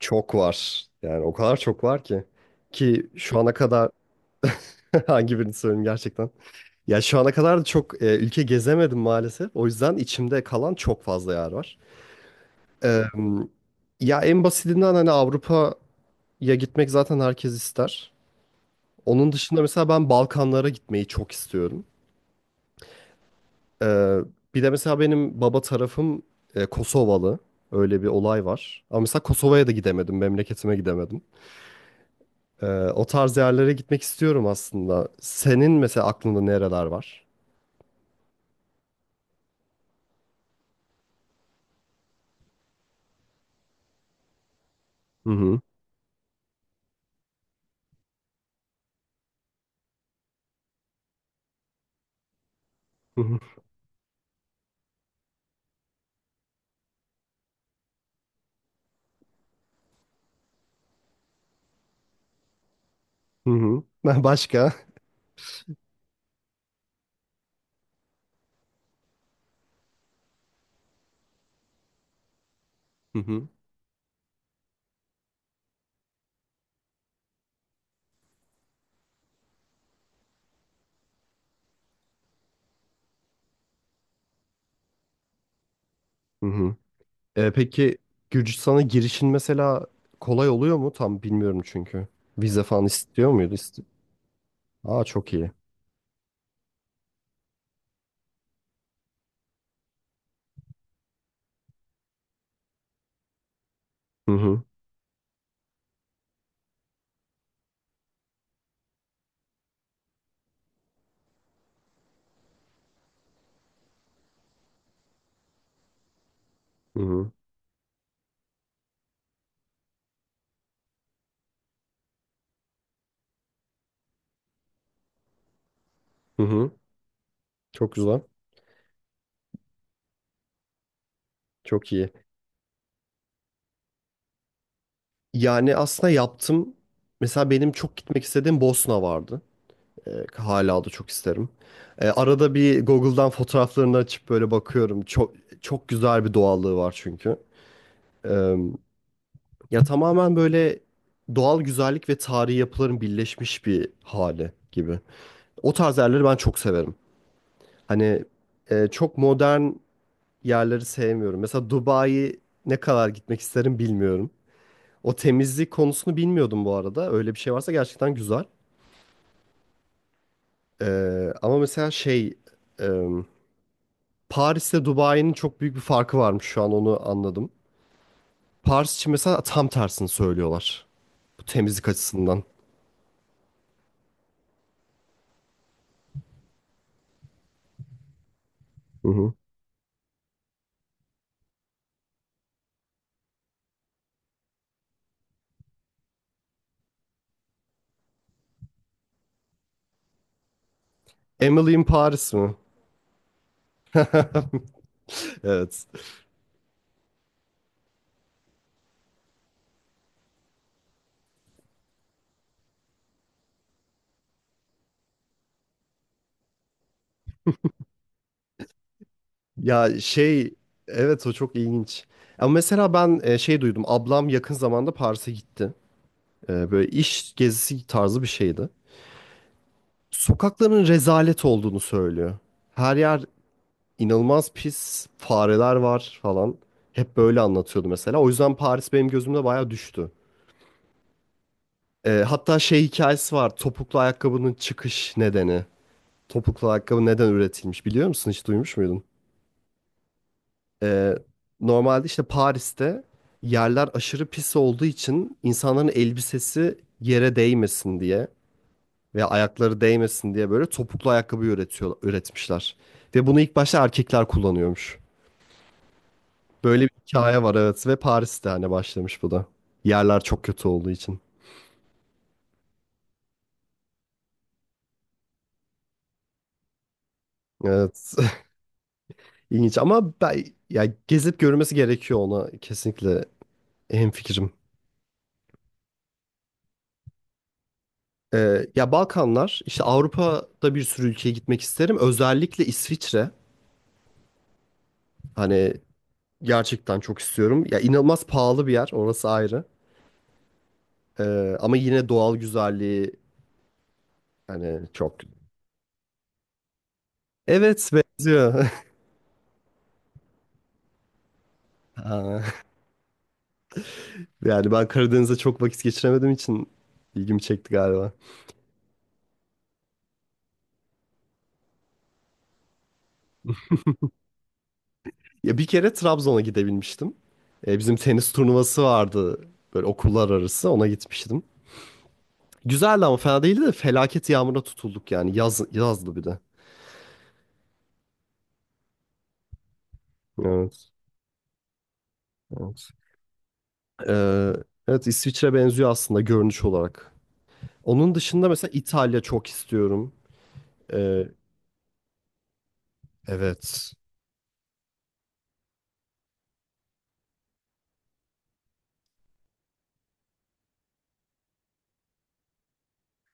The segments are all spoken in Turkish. Çok var. Yani o kadar çok var ki. Ki şu ana kadar hangi birini söyleyeyim gerçekten. Ya şu ana kadar da çok ülke gezemedim maalesef. O yüzden içimde kalan çok fazla yer var. Ee, ya en basitinden hani Avrupa'ya gitmek zaten herkes ister. Onun dışında mesela ben Balkanlara gitmeyi çok istiyorum. Ee, bir de mesela benim baba tarafım Kosovalı. Öyle bir olay var. Ama mesela Kosova'ya da gidemedim, memleketime gidemedim. Ee, o tarz yerlere gitmek istiyorum aslında. Senin mesela aklında nereler var? Hı hı. Hı hı. Hı hı. Başka? Hı hı. Hı hı. Peki Gürcistan'a girişin mesela kolay oluyor mu? Tam bilmiyorum çünkü. Vize falan istiyor muydu? Aa, çok iyi. Hı hı. Hı hı. Hı hı. Çok güzel. Çok iyi. Yani aslında yaptım. Mesela benim çok gitmek istediğim Bosna vardı. Hala da çok isterim. Arada bir Google'dan fotoğraflarını açıp böyle bakıyorum. Çok güzel bir doğallığı var çünkü. E, ya tamamen böyle doğal güzellik ve tarihi yapıların birleşmiş bir hali gibi. O tarz yerleri ben çok severim. Hani çok modern yerleri sevmiyorum. Mesela Dubai'yi ne kadar gitmek isterim bilmiyorum. O temizlik konusunu bilmiyordum bu arada. Öyle bir şey varsa gerçekten güzel. E, ama mesela e, Paris'te Dubai'nin çok büyük bir farkı varmış şu an onu anladım. Paris için mesela tam tersini söylüyorlar. Bu temizlik açısından. Hı hı. Emily in Paris mi? Evet. Ya şey, evet o çok ilginç. Ama mesela ben şey duydum. Ablam yakın zamanda Paris'e gitti. Böyle iş gezisi tarzı bir şeydi. Sokakların rezalet olduğunu söylüyor. Her yer inanılmaz pis, fareler var falan. Hep böyle anlatıyordu mesela. O yüzden Paris benim gözümde bayağı düştü. Hatta şey hikayesi var. Topuklu ayakkabının çıkış nedeni. Topuklu ayakkabı neden üretilmiş biliyor musun? Hiç duymuş muydun? Ee, normalde işte Paris'te yerler aşırı pis olduğu için insanların elbisesi yere değmesin diye veya ayakları değmesin diye böyle topuklu ayakkabı üretiyor, üretmişler. Ve bunu ilk başta erkekler kullanıyormuş. Böyle bir hikaye var, evet ve Paris'te hani başlamış bu da. Yerler çok kötü olduğu için. Evet. İlginç ama ben ya gezip görmesi gerekiyor, ona kesinlikle hemfikirim. Ya Balkanlar işte Avrupa'da bir sürü ülkeye gitmek isterim. Özellikle İsviçre hani gerçekten çok istiyorum. Ya inanılmaz pahalı bir yer orası ayrı. Ama yine doğal güzelliği hani çok. Evet, benziyor. Aa, yani ben Karadeniz'de çok vakit geçiremediğim için ilgimi çekti galiba. Ya bir kere Trabzon'a gidebilmiştim. Bizim tenis turnuvası vardı böyle okullar arası, ona gitmiştim. Güzeldi ama fena değildi de felaket yağmura tutulduk yani yazdı bir de. Evet. Evet. Ee, evet İsviçre benziyor aslında görünüş olarak. Onun dışında mesela İtalya çok istiyorum. Ee, evet.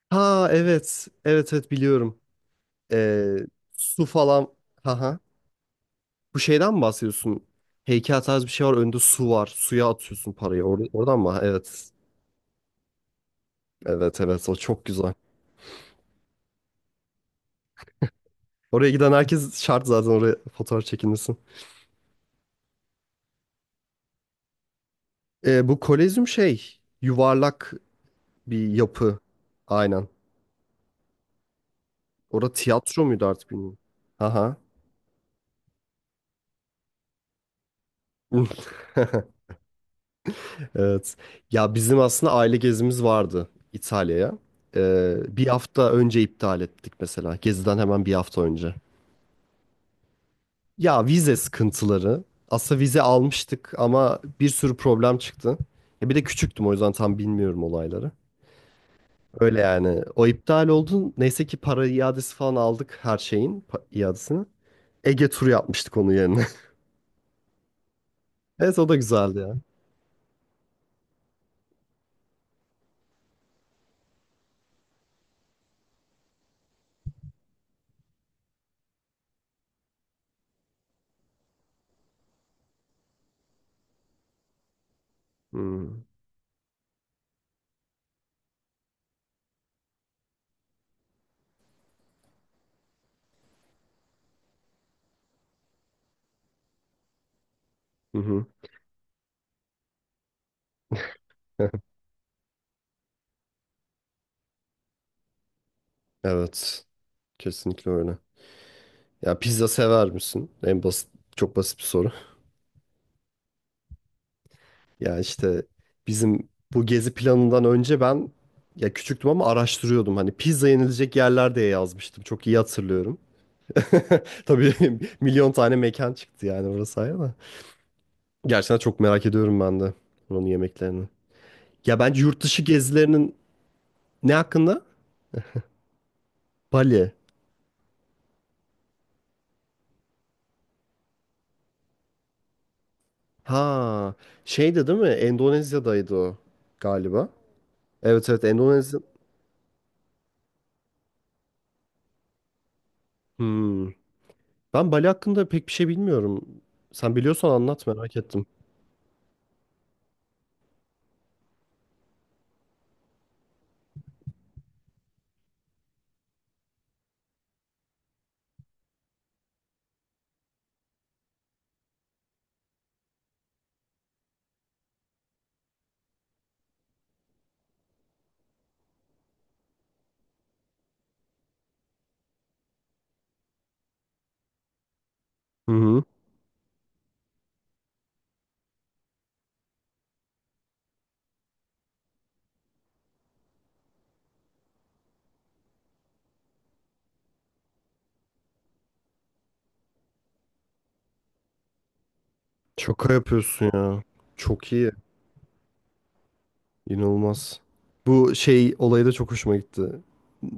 Ha evet. Evet evet biliyorum. Ee, su falan. Haha. Bu şeyden mi bahsediyorsun? Heykel tarzı bir şey var. Önünde su var. Suya atıyorsun parayı. Oradan mı? Evet. Evet evet o çok güzel. Oraya giden herkes şart zaten oraya fotoğraf çekinmesin. Bu Kolezyum şey yuvarlak bir yapı. Aynen. Orada tiyatro muydu artık bilmiyorum. Aha. Evet. Ya bizim aslında aile gezimiz vardı İtalya'ya. Bir hafta önce iptal ettik mesela. Geziden hemen bir hafta önce. Ya vize sıkıntıları. Aslında vize almıştık ama bir sürü problem çıktı. Ya bir de küçüktüm o yüzden tam bilmiyorum olayları. Öyle yani. O iptal oldu. Neyse ki para iadesi falan aldık her şeyin iadesini. Ege turu yapmıştık onun yerine. Evet o da güzeldi ya. Hmm. Hı hı. Evet. Kesinlikle öyle. Ya pizza sever misin? En basit, çok basit bir soru. Ya işte bizim bu gezi planından önce ben ya küçüktüm ama araştırıyordum. Hani pizza yenilecek yerler diye yazmıştım. Çok iyi hatırlıyorum. Tabii milyon tane mekan çıktı yani orası ayrı da. Gerçekten çok merak ediyorum ben de onun yemeklerini. Ya bence yurt dışı gezilerinin ne hakkında? Bali. Ha, şeydi değil mi? Endonezya'daydı o galiba. Evet evet Endonezya. Hmm. Ben Bali hakkında pek bir şey bilmiyorum. Sen biliyorsan anlat, merak ettim. Hı hı. Şaka yapıyorsun ya. Çok iyi. İnanılmaz. Bu şey olayı da çok hoşuma gitti.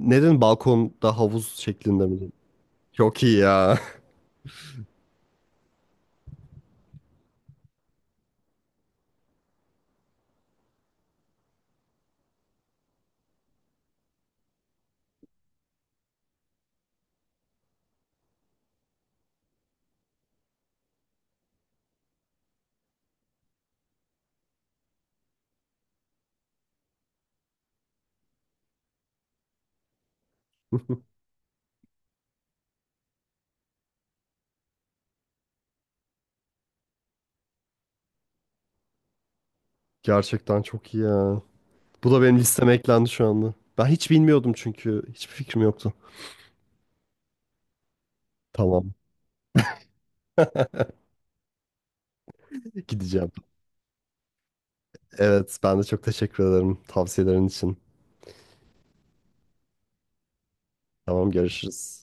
Neden balkonda havuz şeklinde mi? Çok iyi ya. Gerçekten çok iyi ya. Bu da benim listeme eklendi şu anda. Ben hiç bilmiyordum çünkü. Hiçbir fikrim yoktu. Tamam. Gideceğim. Evet, ben de çok teşekkür ederim tavsiyelerin için. Tamam, görüşürüz.